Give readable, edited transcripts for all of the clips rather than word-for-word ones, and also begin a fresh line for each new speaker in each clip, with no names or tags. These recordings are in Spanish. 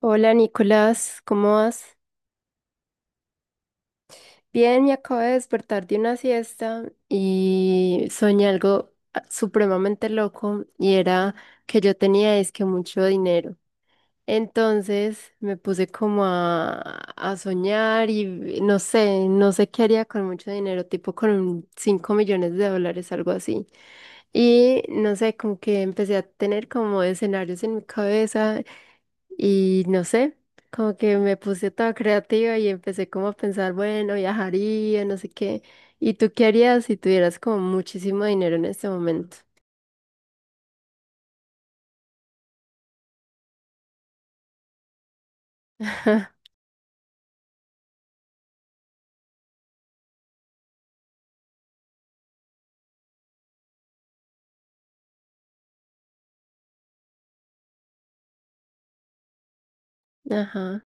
Hola Nicolás, ¿cómo vas? Bien, me acabo de despertar de una siesta y soñé algo supremamente loco y era que yo tenía es que mucho dinero. Entonces me puse como a soñar y no sé, no sé qué haría con mucho dinero, tipo con 5 millones de dólares, algo así. Y no sé, como que empecé a tener como escenarios en mi cabeza. Y no sé, como que me puse toda creativa y empecé como a pensar, bueno, viajaría, no sé qué. ¿Y tú qué harías si tuvieras como muchísimo dinero en este momento? Ajá.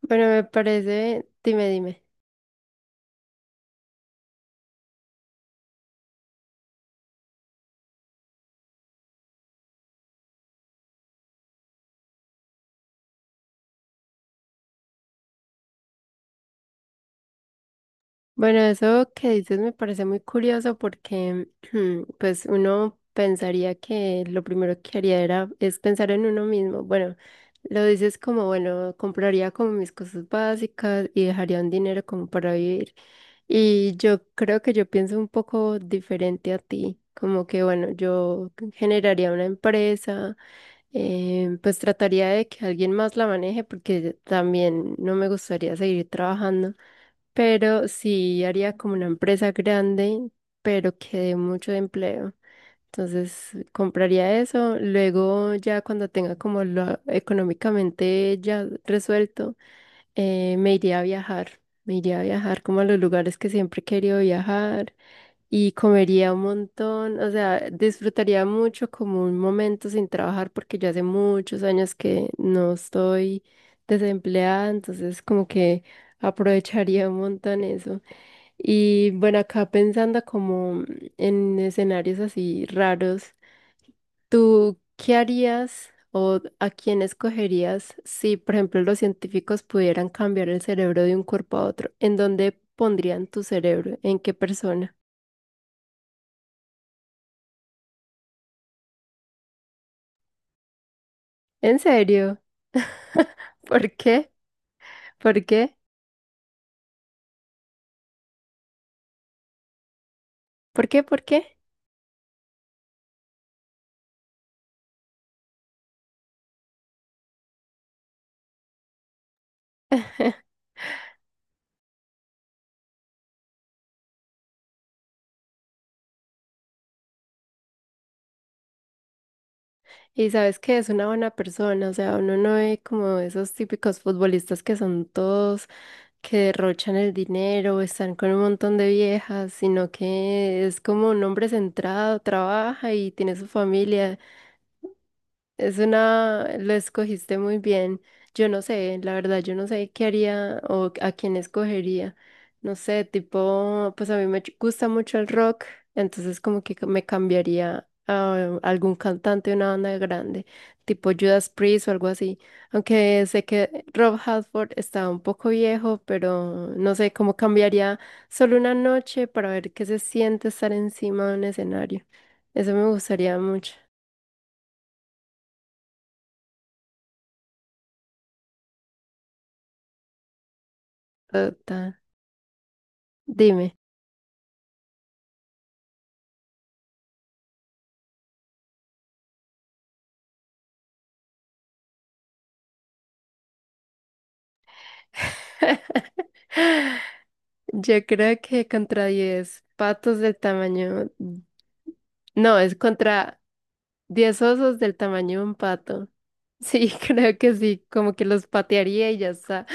Bueno, me parece, dime, dime. Bueno, eso que dices me parece muy curioso porque pues uno pensaría que lo primero que haría era es pensar en uno mismo. Bueno, lo dices como, bueno, compraría como mis cosas básicas y dejaría un dinero como para vivir. Y yo creo que yo pienso un poco diferente a ti, como que, bueno, yo generaría una empresa, pues trataría de que alguien más la maneje porque también no me gustaría seguir trabajando. Pero sí haría como una empresa grande, pero que dé mucho empleo. Entonces compraría eso. Luego ya cuando tenga como lo económicamente ya resuelto, me iría a viajar. Me iría a viajar como a los lugares que siempre he querido viajar y comería un montón. O sea, disfrutaría mucho como un momento sin trabajar porque ya hace muchos años que no estoy desempleada. Entonces como que aprovecharía un montón eso. Y bueno, acá pensando como en escenarios así raros, ¿tú qué harías o a quién escogerías si, por ejemplo, los científicos pudieran cambiar el cerebro de un cuerpo a otro? ¿En dónde pondrían tu cerebro? ¿En qué persona? ¿En serio? ¿Por qué? ¿Por qué? ¿Por qué? ¿Por qué? Y sabes que es una buena persona, o sea, uno no ve como esos típicos futbolistas que son todos que derrochan el dinero, están con un montón de viejas, sino que es como un hombre centrado, trabaja y tiene su familia, es una, lo escogiste muy bien. Yo no sé, la verdad, yo no sé qué haría o a quién escogería. No sé, tipo, pues a mí gusta mucho el rock, entonces como que me cambiaría a algún cantante de una banda grande, tipo Judas Priest o algo así. Aunque sé que Rob Halford está un poco viejo, pero no sé cómo cambiaría solo una noche para ver qué se siente estar encima de un escenario. Eso me gustaría mucho. Total. Dime. Yo creo que contra 10 patos del tamaño... No, es contra 10 osos del tamaño de un pato. Sí, creo que sí, como que los patearía y ya está.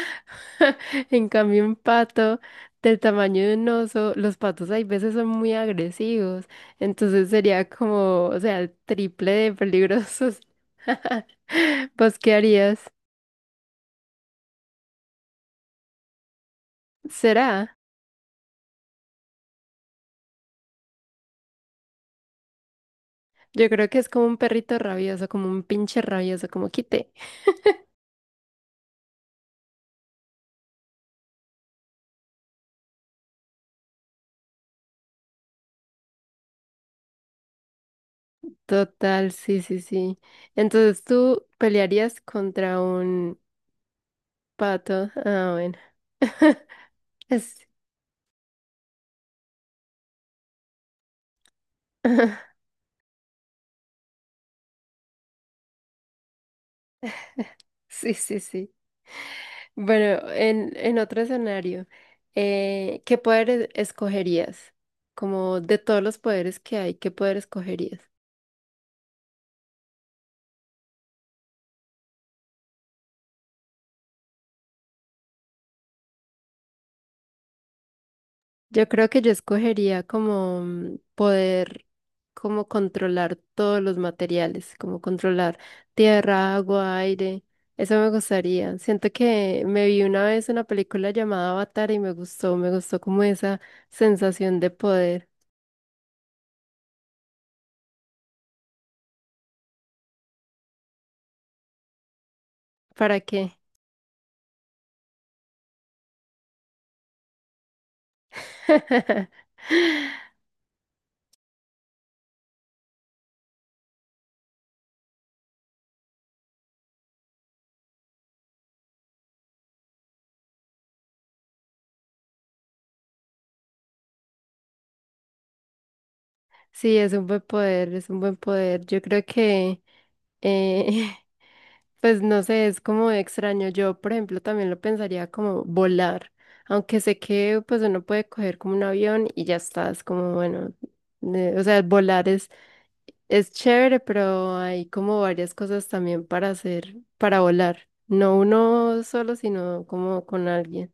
En cambio, un pato del tamaño de un oso, los patos hay veces son muy agresivos, entonces sería como, o sea, el triple de peligrosos. ¿Vos qué harías? ¿Será? Yo creo que es como un perrito rabioso, como un pinche rabioso, como quite. Total, sí, sí, sí. Entonces tú pelearías contra un pato. Ah, bueno. Es- Sí, sí, sí. Bueno, en otro escenario, ¿qué escogerías? Como de todos los poderes que hay, ¿qué poder escogerías? Yo creo que yo escogería como poder, como controlar todos los materiales, como controlar tierra, agua, aire. Eso me gustaría. Siento que me vi una vez una película llamada Avatar y me gustó como esa sensación de poder. ¿Para qué? Sí, es un buen poder, es un buen poder. Yo creo que eh, pues no sé, es como extraño. Yo, por ejemplo, también lo pensaría como volar, aunque sé que pues uno puede coger como un avión y ya está, es como bueno, o sea, volar es chévere, pero hay como varias cosas también para hacer, para volar. No uno solo, sino como con alguien.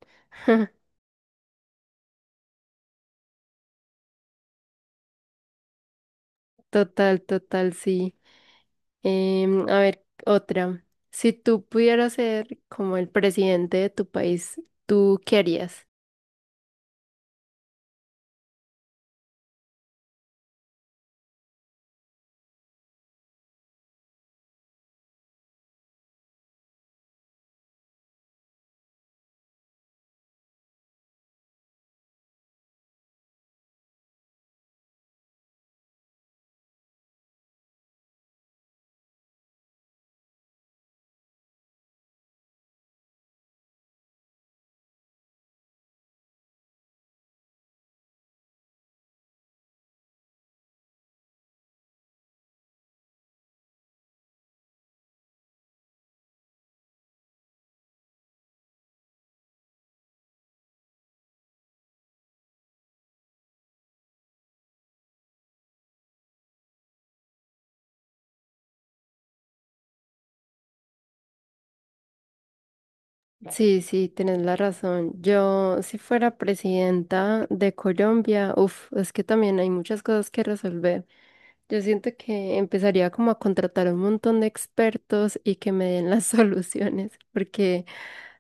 Total, total, sí. A ver, otra. Si tú pudieras ser como el presidente de tu país, ¿tú qué harías? Sí, sí, tienes la razón. Yo, si fuera presidenta de Colombia, uff, es que también hay muchas cosas que resolver. Yo siento que empezaría como a contratar un montón de expertos y que me den las soluciones, porque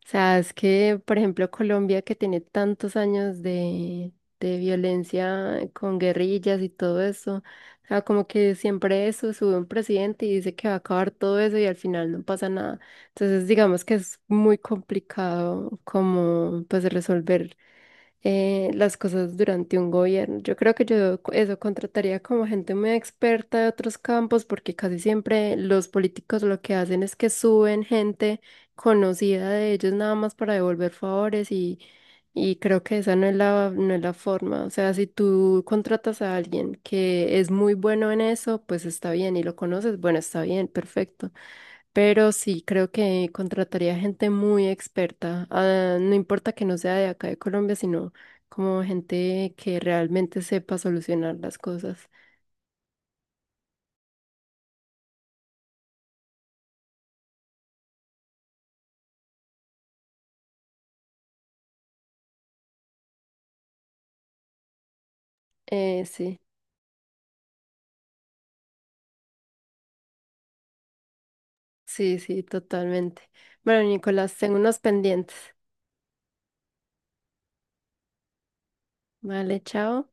o sea, es que, por ejemplo, Colombia, que tiene tantos años de violencia con guerrillas y todo eso, o sea, como que siempre eso, sube un presidente y dice que va a acabar todo eso y al final no pasa nada. Entonces, digamos que es muy complicado como, pues, resolver las cosas durante un gobierno. Yo creo que eso contrataría como gente muy experta de otros campos porque casi siempre los políticos lo que hacen es que suben gente conocida de ellos nada más para devolver favores y creo que esa no es la no es la forma. O sea, si tú contratas a alguien que es muy bueno en eso, pues está bien y lo conoces, bueno, está bien, perfecto. Pero sí, creo que contrataría gente muy experta, ah, no importa que no sea de acá de Colombia, sino como gente que realmente sepa solucionar las cosas. Eh, sí, sí, sí, totalmente. Bueno, Nicolás, tengo unos pendientes. Vale, chao.